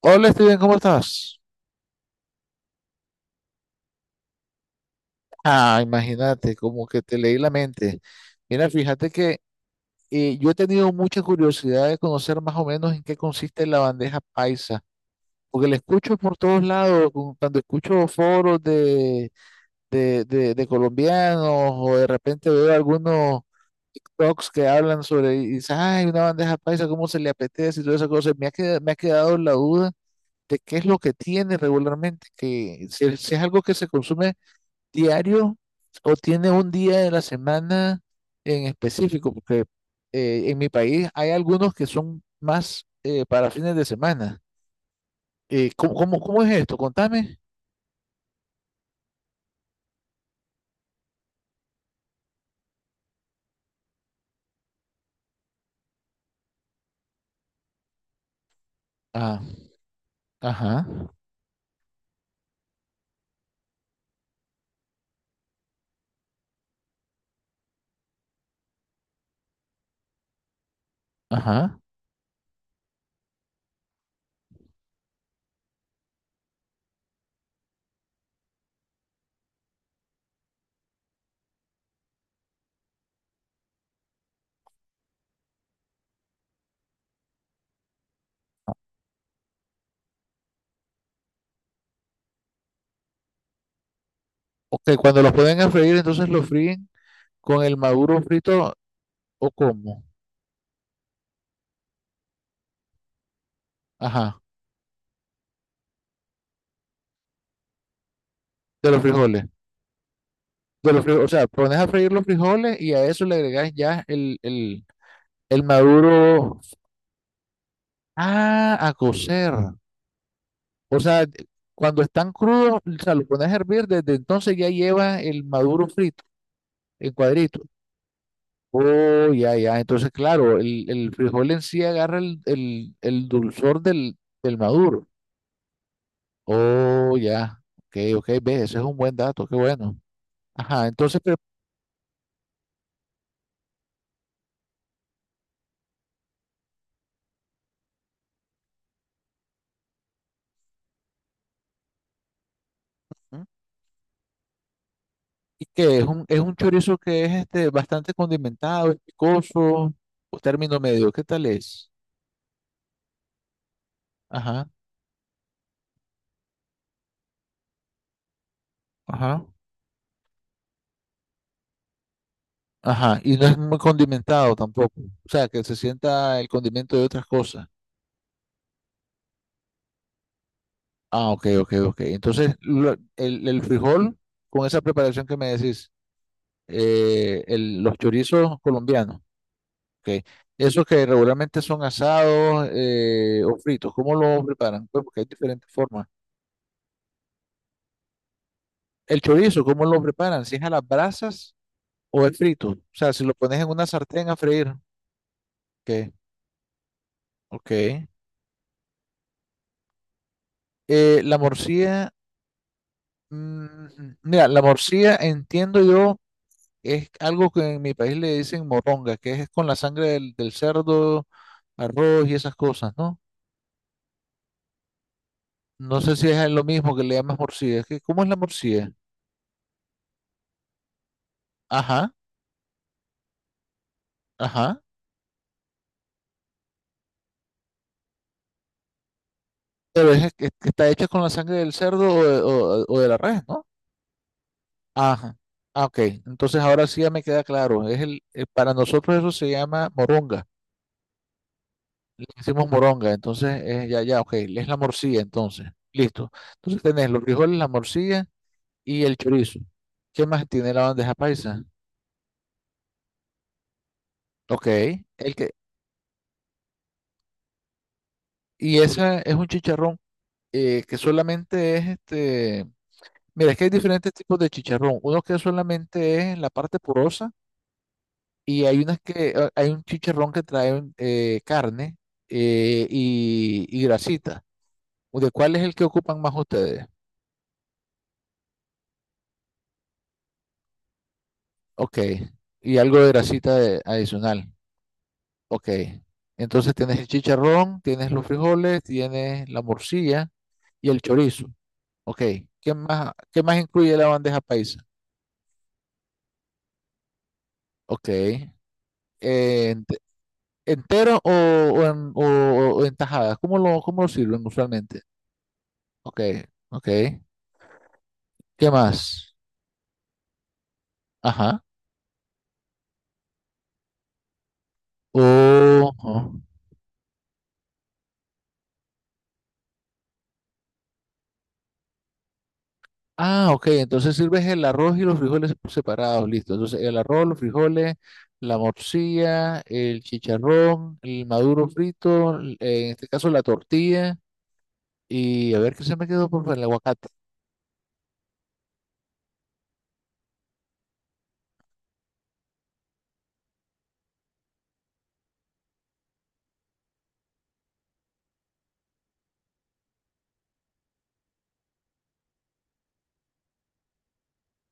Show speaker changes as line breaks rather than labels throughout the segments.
Hola Steven, ¿cómo estás? Ah, imagínate, como que te leí la mente. Mira, fíjate que yo he tenido mucha curiosidad de conocer más o menos en qué consiste la bandeja paisa, porque la escucho por todos lados, cuando escucho foros de colombianos o de repente veo algunos TikToks que hablan sobre, y dicen, ay, una bandeja paisa, ¿cómo se le apetece? Y todas esas cosas. Me ha quedado la duda de qué es lo que tiene regularmente, que si es algo que se consume diario o tiene un día de la semana en específico. Porque en mi país hay algunos que son más para fines de semana. Cómo es esto? Contame. Ah, ajá, ajá. Ok, cuando los pueden a freír, entonces los fríen con el maduro frito, o cómo. Ajá, de los frijoles. De los frijoles, o sea, pones a freír los frijoles y a eso le agregas ya el maduro. Ah, a cocer. O sea, cuando están crudos, o sea, lo pones a hervir, desde entonces ya lleva el maduro frito, en cuadritos. Oh, ya, ya. Entonces, claro, el frijol en sí agarra el dulzor del maduro. Oh, ya. Ok, ok, ve, ese es un buen dato, qué bueno. Ajá, entonces, pero, ¿mm? ¿Y qué? Es un chorizo que es este bastante condimentado, ¿es picoso o término medio? ¿Qué tal es? Ajá, ajá. Ajá, y no es muy condimentado tampoco. O sea, que se sienta el condimento de otras cosas. Ah, ok, ok, ok. Entonces, el frijol, con esa preparación que me decís, los chorizos colombianos, ok. Esos que regularmente son asados o fritos, ¿cómo lo preparan? Pues porque hay diferentes formas. El chorizo, ¿cómo lo preparan? ¿Si es a las brasas o es frito? O sea, si lo pones en una sartén a freír. Ok, ok. La morcilla. Mm, mira, la morcilla, entiendo yo, es algo que en mi país le dicen moronga, que es con la sangre del cerdo, arroz y esas cosas, ¿no? No sé si es lo mismo que le llamas morcilla. ¿Cómo es la morcilla? Ajá, ajá. Pero es que está hecha con la sangre del cerdo o de, o de la res, ¿no? Ajá. Ah, ok. Entonces ahora sí ya me queda claro. Es el, para nosotros eso se llama moronga. Le decimos moronga. Entonces, ya, ya, ok. Es la morcilla, entonces. Listo. Entonces tenés los frijoles, la morcilla y el chorizo. ¿Qué más tiene la bandeja paisa? Ok, el que, y esa es un chicharrón que solamente es este. Mira, es que hay diferentes tipos de chicharrón. Uno que solamente es la parte porosa y hay unas que hay un chicharrón que trae carne y grasita. ¿De cuál es el que ocupan más ustedes? Ok, y algo de grasita adicional. Ok. Entonces tienes el chicharrón, tienes los frijoles, tienes la morcilla y el chorizo. Ok. ¿Qué más incluye la bandeja paisa? Ok. Ent- ¿Entero o, o en tajadas? Cómo lo sirven usualmente? Ok, ok. ¿Qué más? Ajá. Oh, ah, ok, entonces sirves el arroz y los frijoles separados, listo. Entonces el arroz, los frijoles, la morcilla, el chicharrón, el maduro frito, en este caso la tortilla, y a ver qué se me quedó por fuera, el aguacate.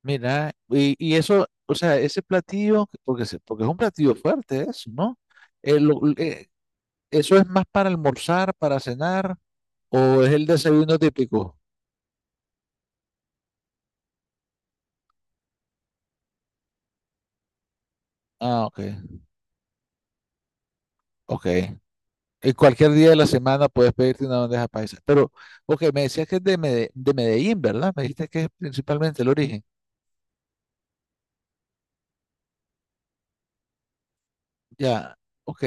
Mira, y eso, o sea, ese platillo, porque, porque es un platillo fuerte eso, ¿no? Eh, lo- eh, ¿Eso es más para almorzar, para cenar, o es el desayuno típico? Ah, ok, ok. Y cualquier día de la semana puedes pedirte una bandeja paisa. Pero, ok, me decías que es de, de Medellín, ¿verdad? Me dijiste que es principalmente el origen. Ya, ok.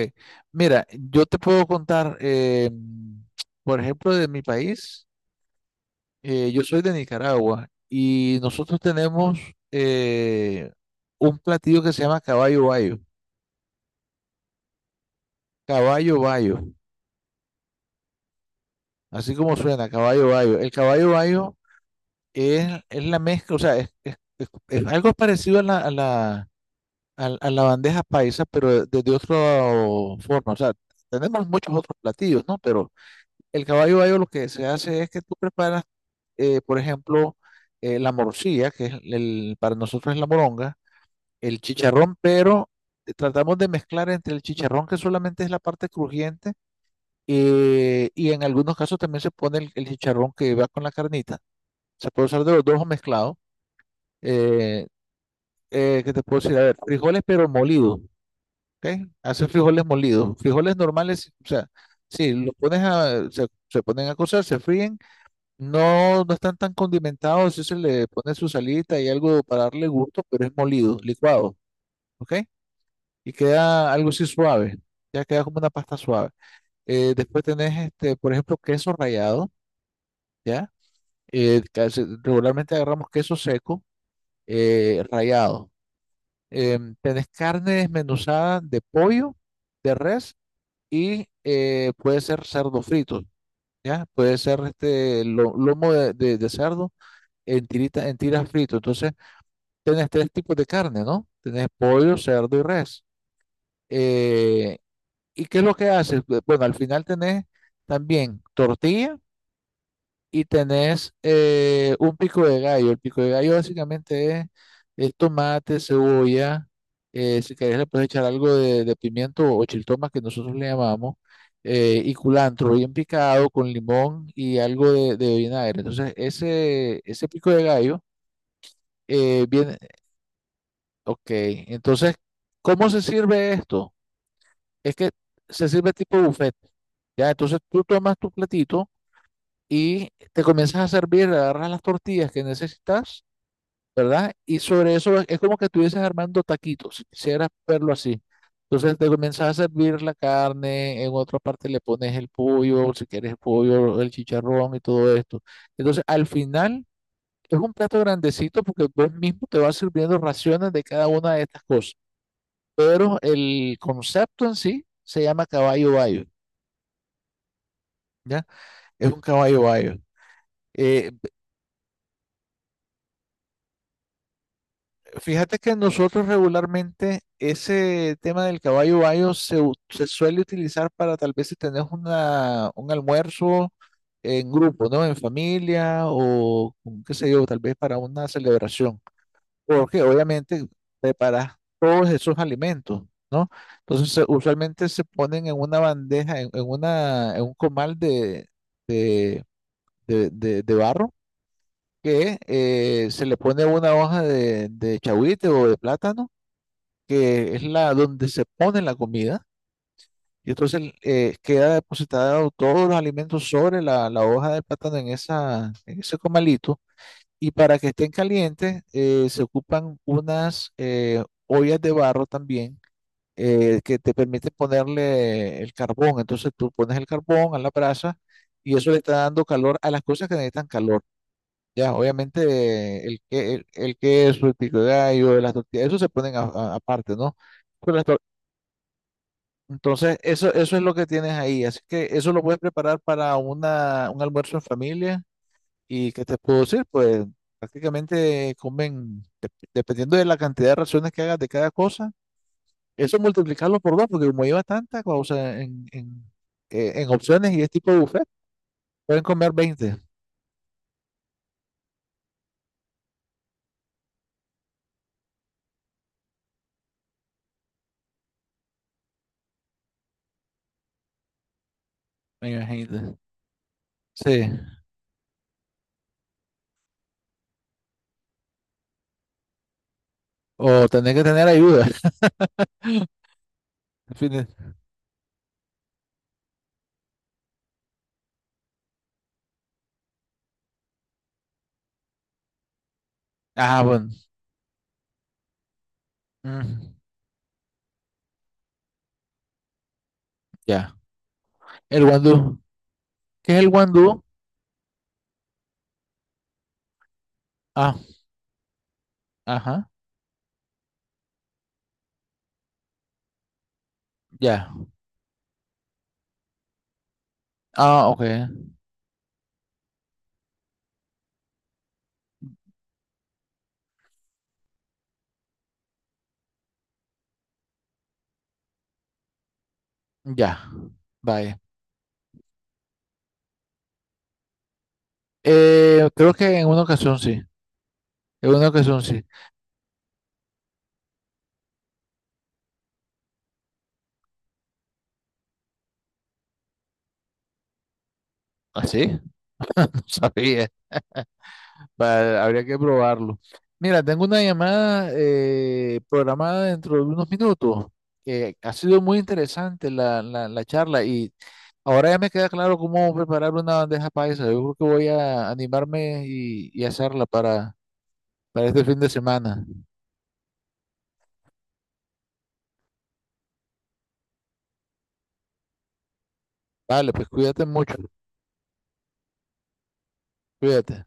Mira, yo te puedo contar, por ejemplo, de mi país. Yo soy de Nicaragua y nosotros tenemos eh, un platillo que se llama caballo bayo. Caballo bayo, así como suena, caballo bayo. El caballo bayo es la mezcla, o sea, es algo parecido a la, la bandeja paisa, pero desde otra forma. O sea, tenemos muchos otros platillos, ¿no? Pero el caballo bayo lo que se hace es que tú preparas, por ejemplo, la morcilla, que es el, para nosotros es la moronga, el chicharrón, pero tratamos de mezclar entre el chicharrón, que solamente es la parte crujiente, y en algunos casos también se pone el chicharrón que va con la carnita. Se puede usar de los dos o mezclado. Eh, ¿Qué te puedo decir? A ver, frijoles pero molidos. ¿Ok? Hace frijoles molidos, frijoles normales, o sea, sí, los pones a, se ponen a cocer, se fríen, no, no están tan condimentados, sí se le pone su salita y algo para darle gusto, pero es molido, licuado, ¿ok? Y queda algo así suave, ya queda como una pasta suave. Después tenés, este, por ejemplo, queso rallado, ¿ya? Regularmente agarramos queso seco, rallado. Em, tenés carne desmenuzada de pollo, de res y puede ser cerdo frito, ¿ya? Puede ser este lomo de cerdo en tirita, en tiras frito. Entonces, tenés tres tipos de carne, ¿no? Tenés pollo, cerdo y res. Eh, ¿Y qué es lo que haces? Bueno, al final tenés también tortilla y tenés un pico de gallo. El pico de gallo básicamente es tomate, cebolla, si querés le puedes echar algo de pimiento o chiltoma que nosotros le llamamos, y culantro bien picado con limón y algo de vinagre. Entonces, ese pico de gallo viene, ok, entonces, ¿cómo se sirve esto? Es que se sirve tipo buffet, ¿ya? Entonces tú tomas tu platito y te comienzas a servir, agarras las tortillas que necesitas, ¿verdad? Y sobre eso es como que estuvieses armando taquitos, si quisieras verlo así. Entonces te comienzas a servir la carne, en otra parte le pones el pollo, si quieres el pollo, el chicharrón y todo esto. Entonces al final es un plato grandecito porque vos mismo te vas sirviendo raciones de cada una de estas cosas. Pero el concepto en sí se llama caballo bayo, ¿ya? Es un caballo bayo. Fíjate que nosotros regularmente ese tema del caballo bayo se, se suele utilizar para tal vez si tenés una, un almuerzo en grupo, ¿no? En familia qué sé yo, tal vez para una celebración. Porque obviamente preparas todos esos alimentos, ¿no? Entonces usualmente se ponen en una bandeja, en un comal de, de barro que se le pone una hoja de chahuite o de plátano, que es la donde se pone la comida, y entonces queda depositado todos los alimentos sobre la hoja de plátano en esa, en ese comalito, y para que estén calientes se ocupan unas ollas de barro también. Que te permiten ponerle el carbón. Entonces tú pones el carbón a la brasa y eso le está dando calor a las cosas que necesitan calor. Ya, obviamente el queso, el pico de gallo, las tortillas, eso se ponen aparte, ¿no? Pero las, tor- Entonces, eso es lo que tienes ahí. Así que eso lo puedes preparar para una, un almuerzo en familia. ¿Y qué te puedo decir? Pues prácticamente comen, dependiendo de la cantidad de raciones que hagas de cada cosa, eso multiplicarlo por dos, porque como lleva tanta cosa en opciones y es tipo de buffet, pueden comer 20, me imagino. Sí. O tener que tener ayuda. En fin, ah, bueno. Mm, ya. El guandú. ¿Qué es el guandú? Ah, ajá. Ya. Ah, ok. Ya, vaya. Creo que en una ocasión sí, en una ocasión sí. ¿Así? No sabía. Habría que probarlo. Mira, tengo una llamada programada dentro de unos minutos, que ha sido muy interesante la charla, y ahora ya me queda claro cómo preparar una bandeja paisa. Yo creo que voy a animarme y hacerla para este fin de semana. Vale, pues cuídate mucho, cuídate.